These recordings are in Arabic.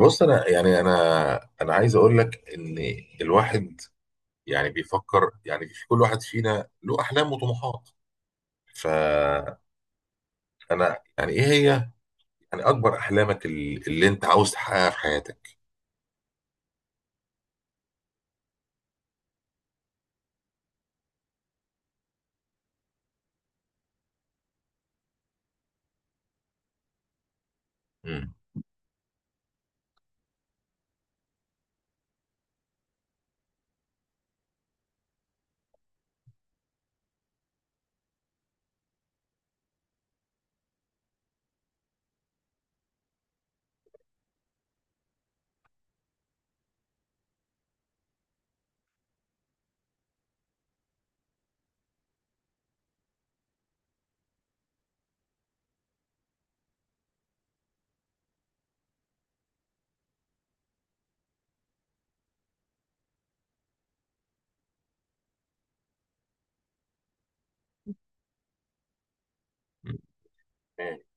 بص، انا يعني انا عايز اقول لك ان الواحد يعني بيفكر، يعني في كل واحد فينا له احلام وطموحات. فانا، يعني ايه هي يعني اكبر احلامك اللي انت عاوز تحققها في حياتك؟ امم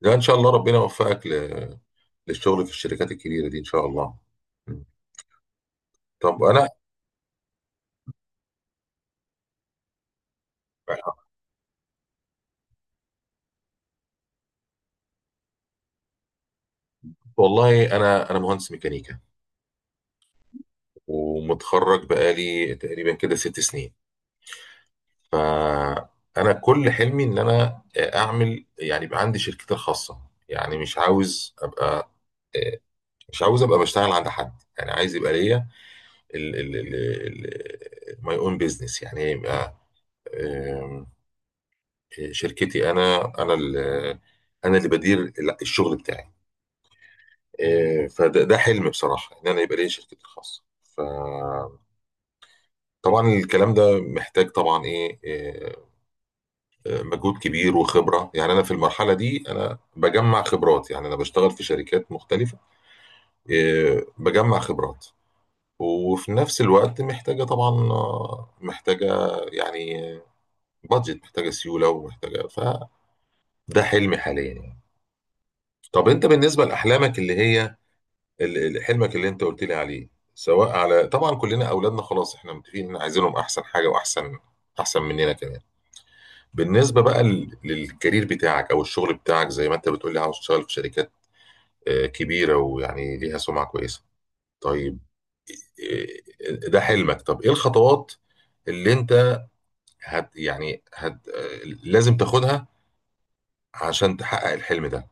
ده ان شاء الله ربنا يوفقك للشغل في الشركات الكبيره دي، ان شاء الله. مم. طب انا والله انا مهندس ميكانيكا، ومتخرج بقالي تقريبا كده 6 سنين. فانا كل حلمي ان انا اعمل، يعني يبقى عندي شركتي الخاصه. يعني مش عاوز ابقى بشتغل عند حد. يعني عايز يبقى ليا ال ماي اون بيزنس، يعني يبقى آم، شركتي. انا اللي بدير الشغل بتاعي. فده حلم بصراحه، ان انا يبقى ليا شركتي الخاصه. فطبعا الكلام ده محتاج طبعا ايه، مجهود كبير وخبره. يعني انا في المرحله دي انا بجمع خبرات، يعني انا بشتغل في شركات مختلفه. إيه، بجمع خبرات وفي نفس الوقت محتاجه طبعا، محتاجه يعني بادجت، محتاجه سيوله، ومحتاجه. فده حلمي حاليا يعني. طب انت بالنسبه لاحلامك اللي هي حلمك اللي انت قلت لي عليه، سواء على طبعا كلنا اولادنا، خلاص احنا متفقين ان عايزينهم احسن حاجه، واحسن مننا كمان. بالنسبه بقى للكارير بتاعك، او الشغل بتاعك، زي ما انت بتقول لي عاوز تشتغل في شركات كبيرة، ويعني ليها سمعة كويسة. طيب، ده حلمك. طب ايه الخطوات اللي انت هت يعني هت آه، لازم تاخدها عشان تحقق الحلم ده؟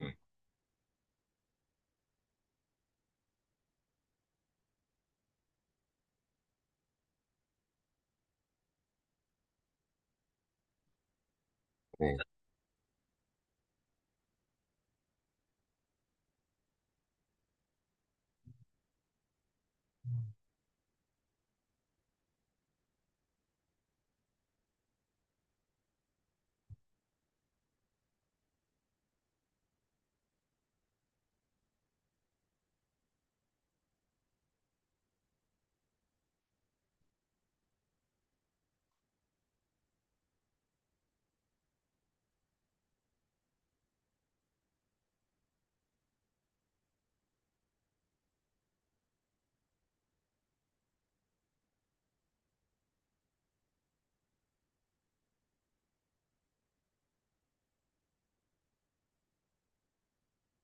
مم. مم.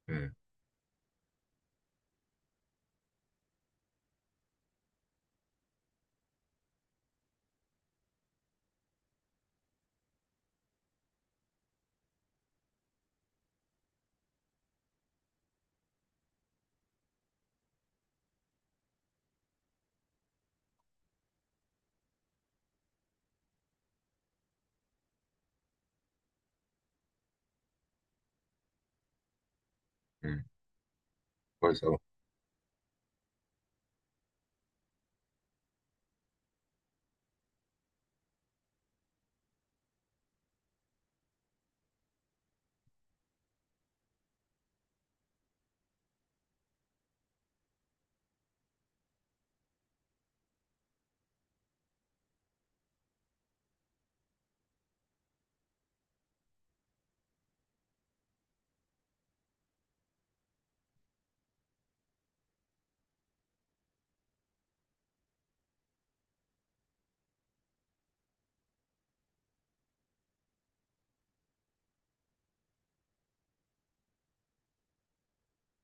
مم. مم. كويس أوي.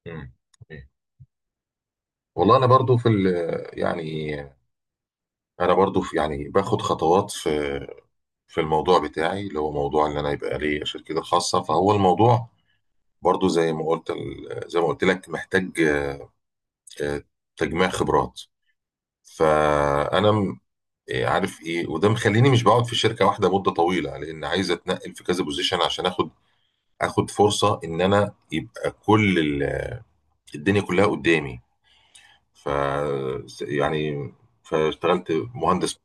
مم. مم. والله انا برضو في يعني انا برضو يعني باخد خطوات في الموضوع بتاعي، اللي هو موضوع ان انا يبقى لي شركتي الخاصه. فهو الموضوع برضو، زي ما قلت لك محتاج آه، تجميع خبرات. فانا إيه عارف ايه، وده مخليني مش بقعد في شركه واحده مده طويله، لان عايز اتنقل في كذا بوزيشن عشان اخد فرصه ان انا يبقى كل الدنيا كلها قدامي. ف يعني فاشتغلت مهندس.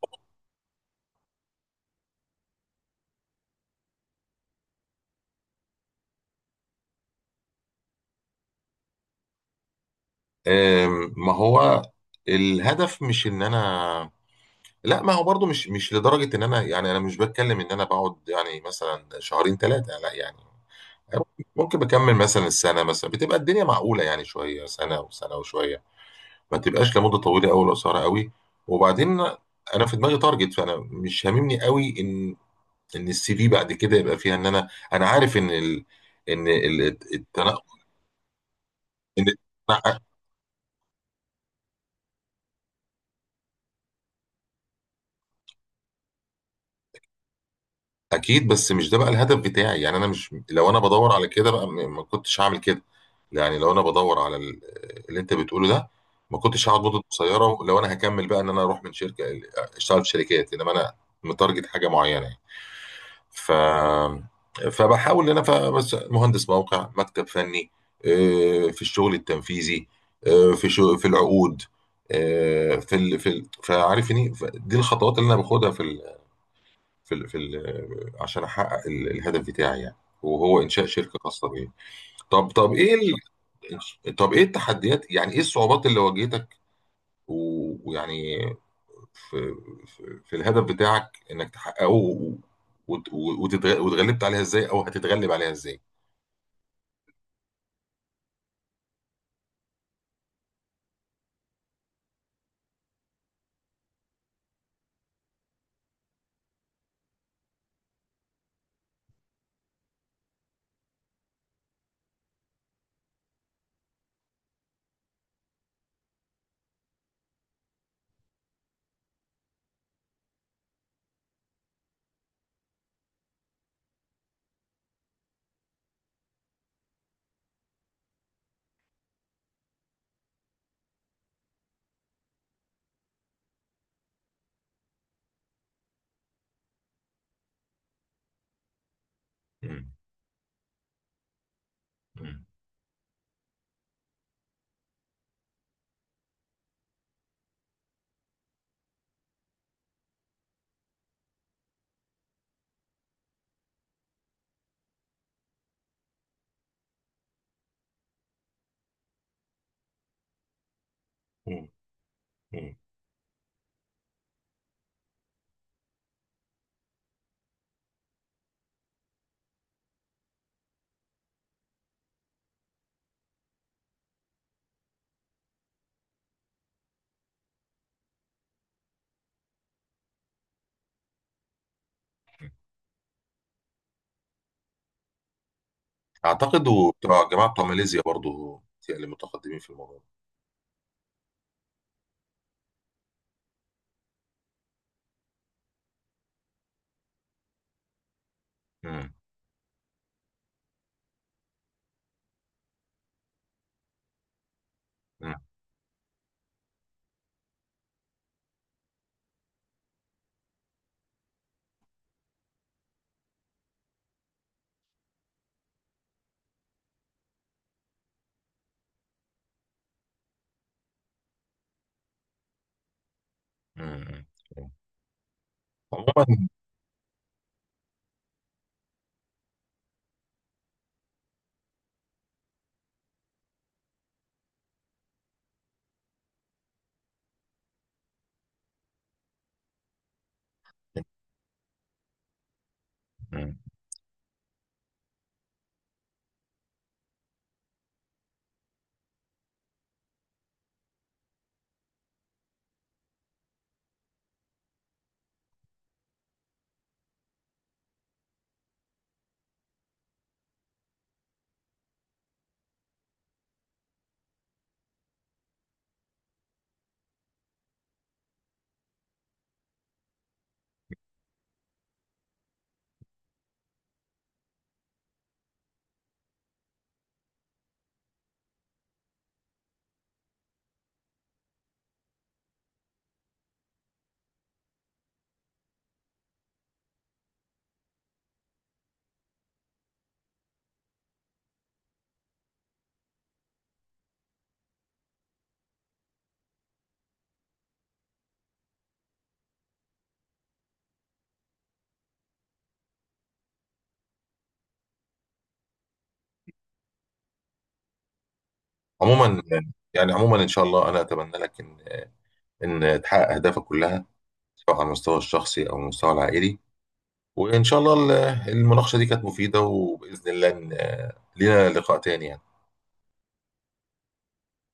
ما هو الهدف مش ان انا، لا ما هو برضو مش لدرجه ان انا، يعني انا مش بتكلم ان انا بقعد يعني مثلا شهرين ثلاثه، لا يعني. ممكن بكمل مثلا السنه، مثلا بتبقى الدنيا معقوله يعني شويه، سنه وسنه وشويه. ما تبقاش لمده طويله قوي ولا قصيره قوي. وبعدين انا في دماغي تارجت، فانا مش هاممني قوي ان السي في بعد كده يبقى فيها ان انا عارف ان ان ال... التنقل. ان أنا اكيد، بس مش ده بقى الهدف بتاعي. يعني انا مش، لو انا بدور على كده بقى، ما كنتش هعمل كده. يعني لو انا بدور على اللي انت بتقوله ده، ما كنتش هقعد مده قصيره لو انا هكمل بقى، ان انا اروح من شركه اشتغل في شركات، انما انا متارجت حاجه معينه. ف فبحاول ان انا ف- بس مهندس موقع، مكتب فني، في الشغل التنفيذي، في شو في العقود، فعارفني. دي الخطوات اللي انا باخدها في ال... في ال... عشان احقق الهدف بتاعي، يعني وهو انشاء شركه خاصه بيا. طب طب ايه طب ايه التحديات، يعني ايه الصعوبات اللي واجهتك ويعني في في الهدف بتاعك، انك تحققه واتغلبت عليها ازاي، او هتتغلب عليها ازاي؟ مم. مم. مم. مم. اعتقد وبتوع الجماعه بتوع ماليزيا برضو، اللي متقدمين في الموضوع ده. مم. مم. مم. مم. عموما. مم. عموما، يعني عموما ان شاء الله انا اتمنى لك ان تحقق اهدافك كلها، سواء على المستوى الشخصي او المستوى العائلي. وان شاء الله المناقشه دي كانت مفيده، وباذن الله لينا لقاء تاني يعني.